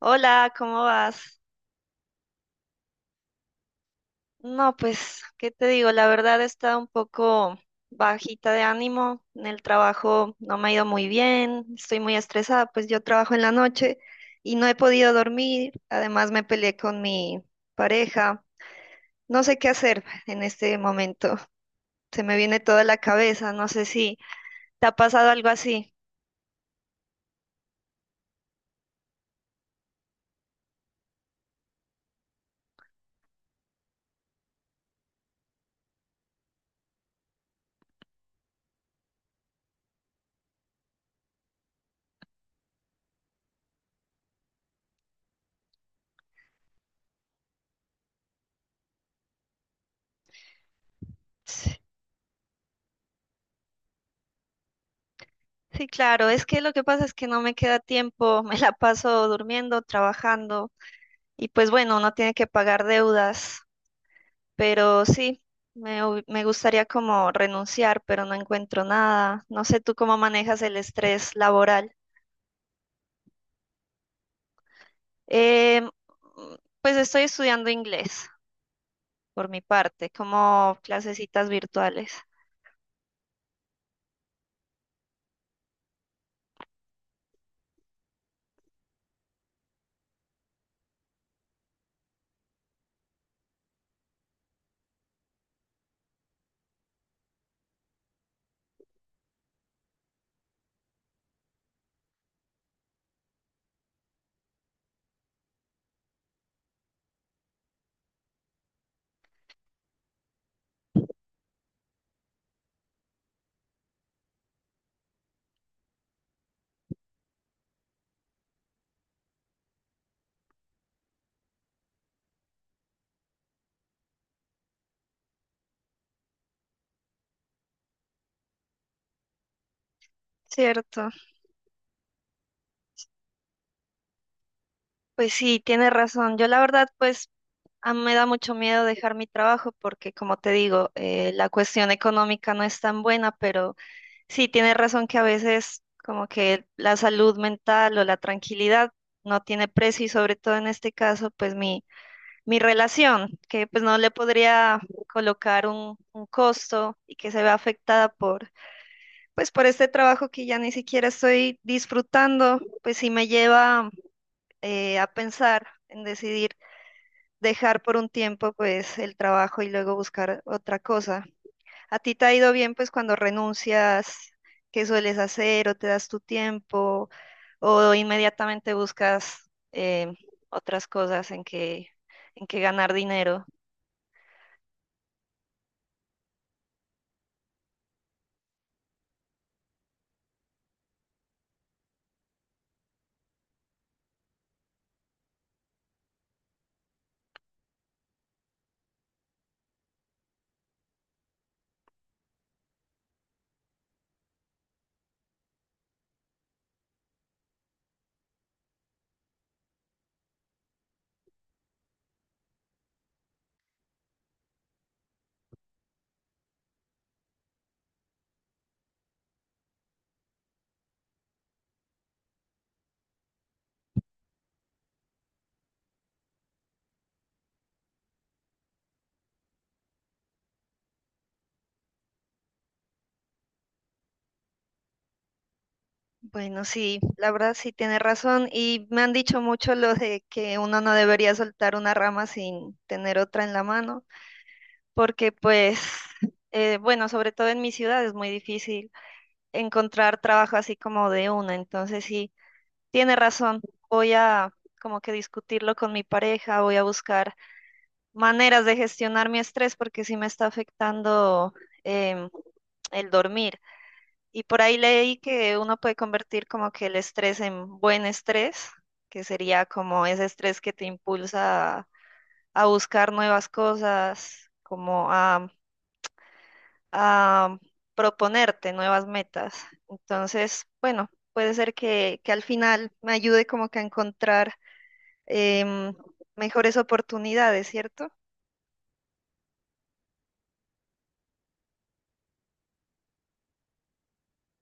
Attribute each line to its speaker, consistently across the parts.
Speaker 1: Hola, ¿cómo vas? No, pues, ¿qué te digo? La verdad está un poco bajita de ánimo. En el trabajo no me ha ido muy bien, estoy muy estresada, pues yo trabajo en la noche y no he podido dormir. Además, me peleé con mi pareja. No sé qué hacer en este momento. Se me viene toda la cabeza, no sé si te ha pasado algo así. Sí, sí, claro, es que lo que pasa es que no me queda tiempo, me la paso durmiendo, trabajando. Y pues bueno, uno tiene que pagar deudas, pero sí, me gustaría como renunciar, pero no encuentro nada. No sé tú cómo manejas el estrés laboral. Em, mm, pues estoy estudiando inglés por mi parte, como clasecitas virtuales. Cierto. Pues sí, tienes razón. Yo la verdad, pues a mí me da mucho miedo dejar mi trabajo porque, como te digo, la cuestión económica no es tan buena, pero sí, tienes razón que a veces como que la salud mental o la tranquilidad no tiene precio y sobre todo en este caso, pues mi relación, que pues no le podría colocar un costo y que se ve afectada por, pues por este trabajo que ya ni siquiera estoy disfrutando, pues sí me lleva a pensar en decidir dejar por un tiempo pues el trabajo y luego buscar otra cosa. ¿A ti te ha ido bien pues cuando renuncias? ¿Qué sueles hacer o te das tu tiempo o inmediatamente buscas otras cosas en que ganar dinero? Bueno, sí, la verdad sí tienes razón y me han dicho mucho lo de que uno no debería soltar una rama sin tener otra en la mano. Porque pues, bueno, sobre todo en mi ciudad es muy difícil encontrar trabajo así como de una, entonces sí, tiene razón, voy a como que discutirlo con mi pareja, voy a buscar maneras de gestionar mi estrés porque sí me está afectando em, el dormir. Y por ahí leí que uno puede convertir como que el estrés en buen estrés, que sería como ese estrés que te impulsa a buscar nuevas cosas, como a proponerte nuevas metas. Entonces, bueno, puede ser que al final me ayude como que a encontrar em, mejores oportunidades, ¿cierto?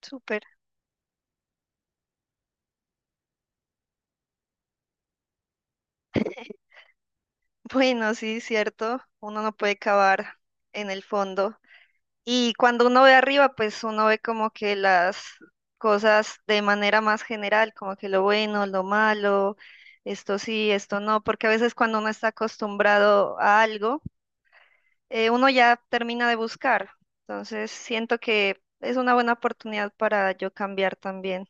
Speaker 1: Súper. Bueno, sí, cierto. Uno no puede cavar en el fondo. Y cuando uno ve arriba, pues uno ve como que las cosas de manera más general, como que lo bueno, lo malo, esto sí, esto no, porque a veces cuando uno está acostumbrado a algo, uno ya termina de buscar. Entonces siento que es una buena oportunidad para yo cambiar también.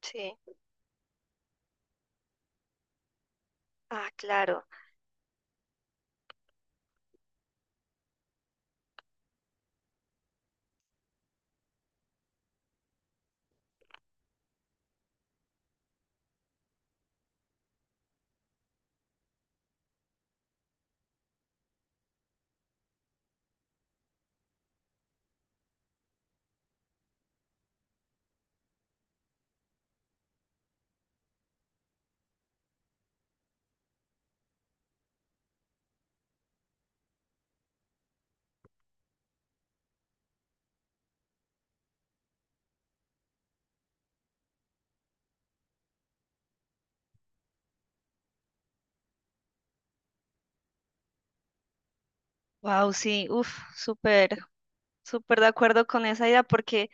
Speaker 1: Sí. Ah, claro. Wow, sí, uf, súper, súper de acuerdo con esa idea porque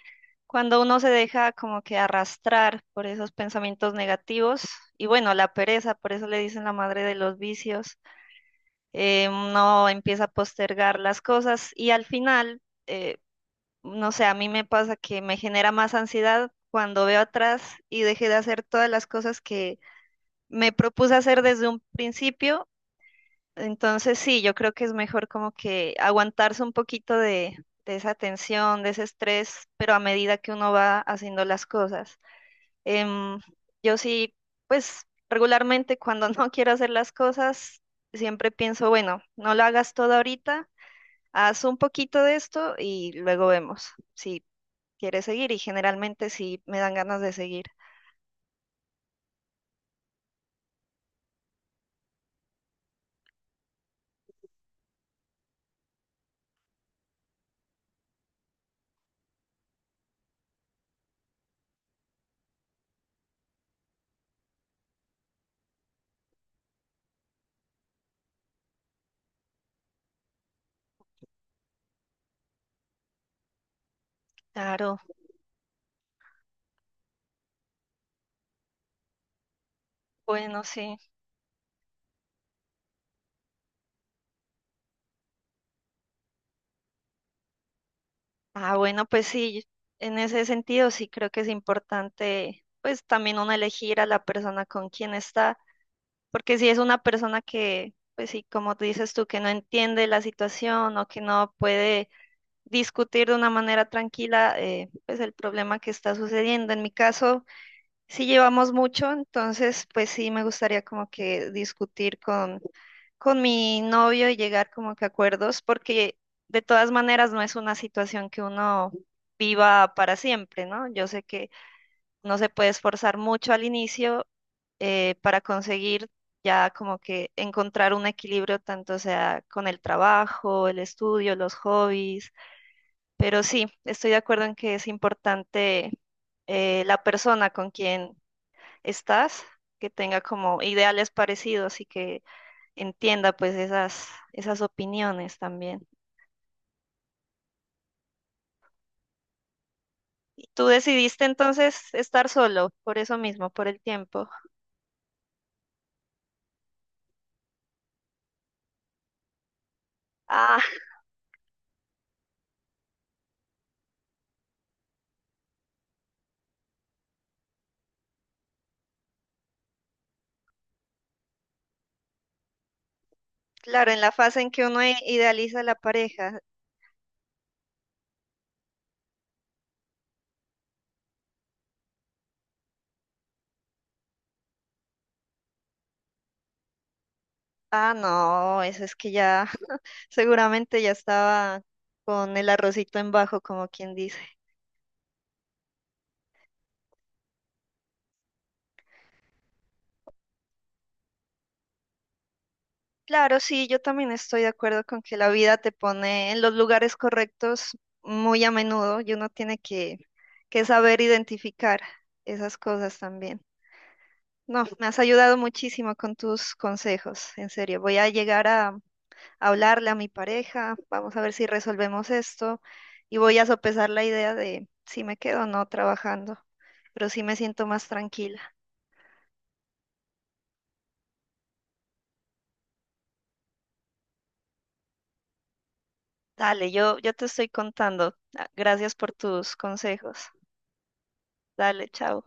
Speaker 1: cuando uno se deja como que arrastrar por esos pensamientos negativos y bueno, la pereza, por eso le dicen la madre de los vicios, uno empieza a postergar las cosas y al final... eh, no sé, a mí me pasa que me genera más ansiedad cuando veo atrás y dejé de hacer todas las cosas que me propuse hacer desde un principio. Entonces sí, yo creo que es mejor como que aguantarse un poquito de esa tensión, de ese estrés, pero a medida que uno va haciendo las cosas. Em, yo sí, pues regularmente cuando no quiero hacer las cosas, siempre pienso, bueno, no lo hagas todo ahorita, haz un poquito de esto y luego vemos si quiere seguir y generalmente sí me dan ganas de seguir. Claro, bueno, sí. Ah, bueno, pues sí, en ese sentido sí creo que es importante, pues también uno elegir a la persona con quien está, porque si es una persona que, pues sí, como dices tú, que no entiende la situación o que no puede discutir de una manera tranquila, pues el problema que está sucediendo. En mi caso, sí llevamos mucho, entonces, pues sí me gustaría como que discutir con mi novio y llegar como que a acuerdos, porque de todas maneras no es una situación que uno viva para siempre, ¿no? Yo sé que no se puede esforzar mucho al inicio para conseguir ya como que encontrar un equilibrio tanto sea con el trabajo, el estudio, los hobbies, pero sí, estoy de acuerdo en que es importante la persona con quien estás, que tenga como ideales parecidos y que entienda pues esas opiniones también. Tú decidiste entonces estar solo, por eso mismo, por el tiempo. Ah, claro, en la fase en que uno idealiza la pareja. Ah, no, eso es que ya seguramente ya estaba con el arrocito en bajo, como quien dice. Claro, sí, yo también estoy de acuerdo con que la vida te pone en los lugares correctos muy a menudo y uno tiene que saber identificar esas cosas también. No, me has ayudado muchísimo con tus consejos, en serio. Voy a llegar a hablarle a mi pareja, vamos a ver si resolvemos esto y voy a sopesar la idea de si me quedo o no trabajando, pero sí me siento más tranquila. Dale, yo te estoy contando. Ah, gracias por tus consejos. Dale, chao.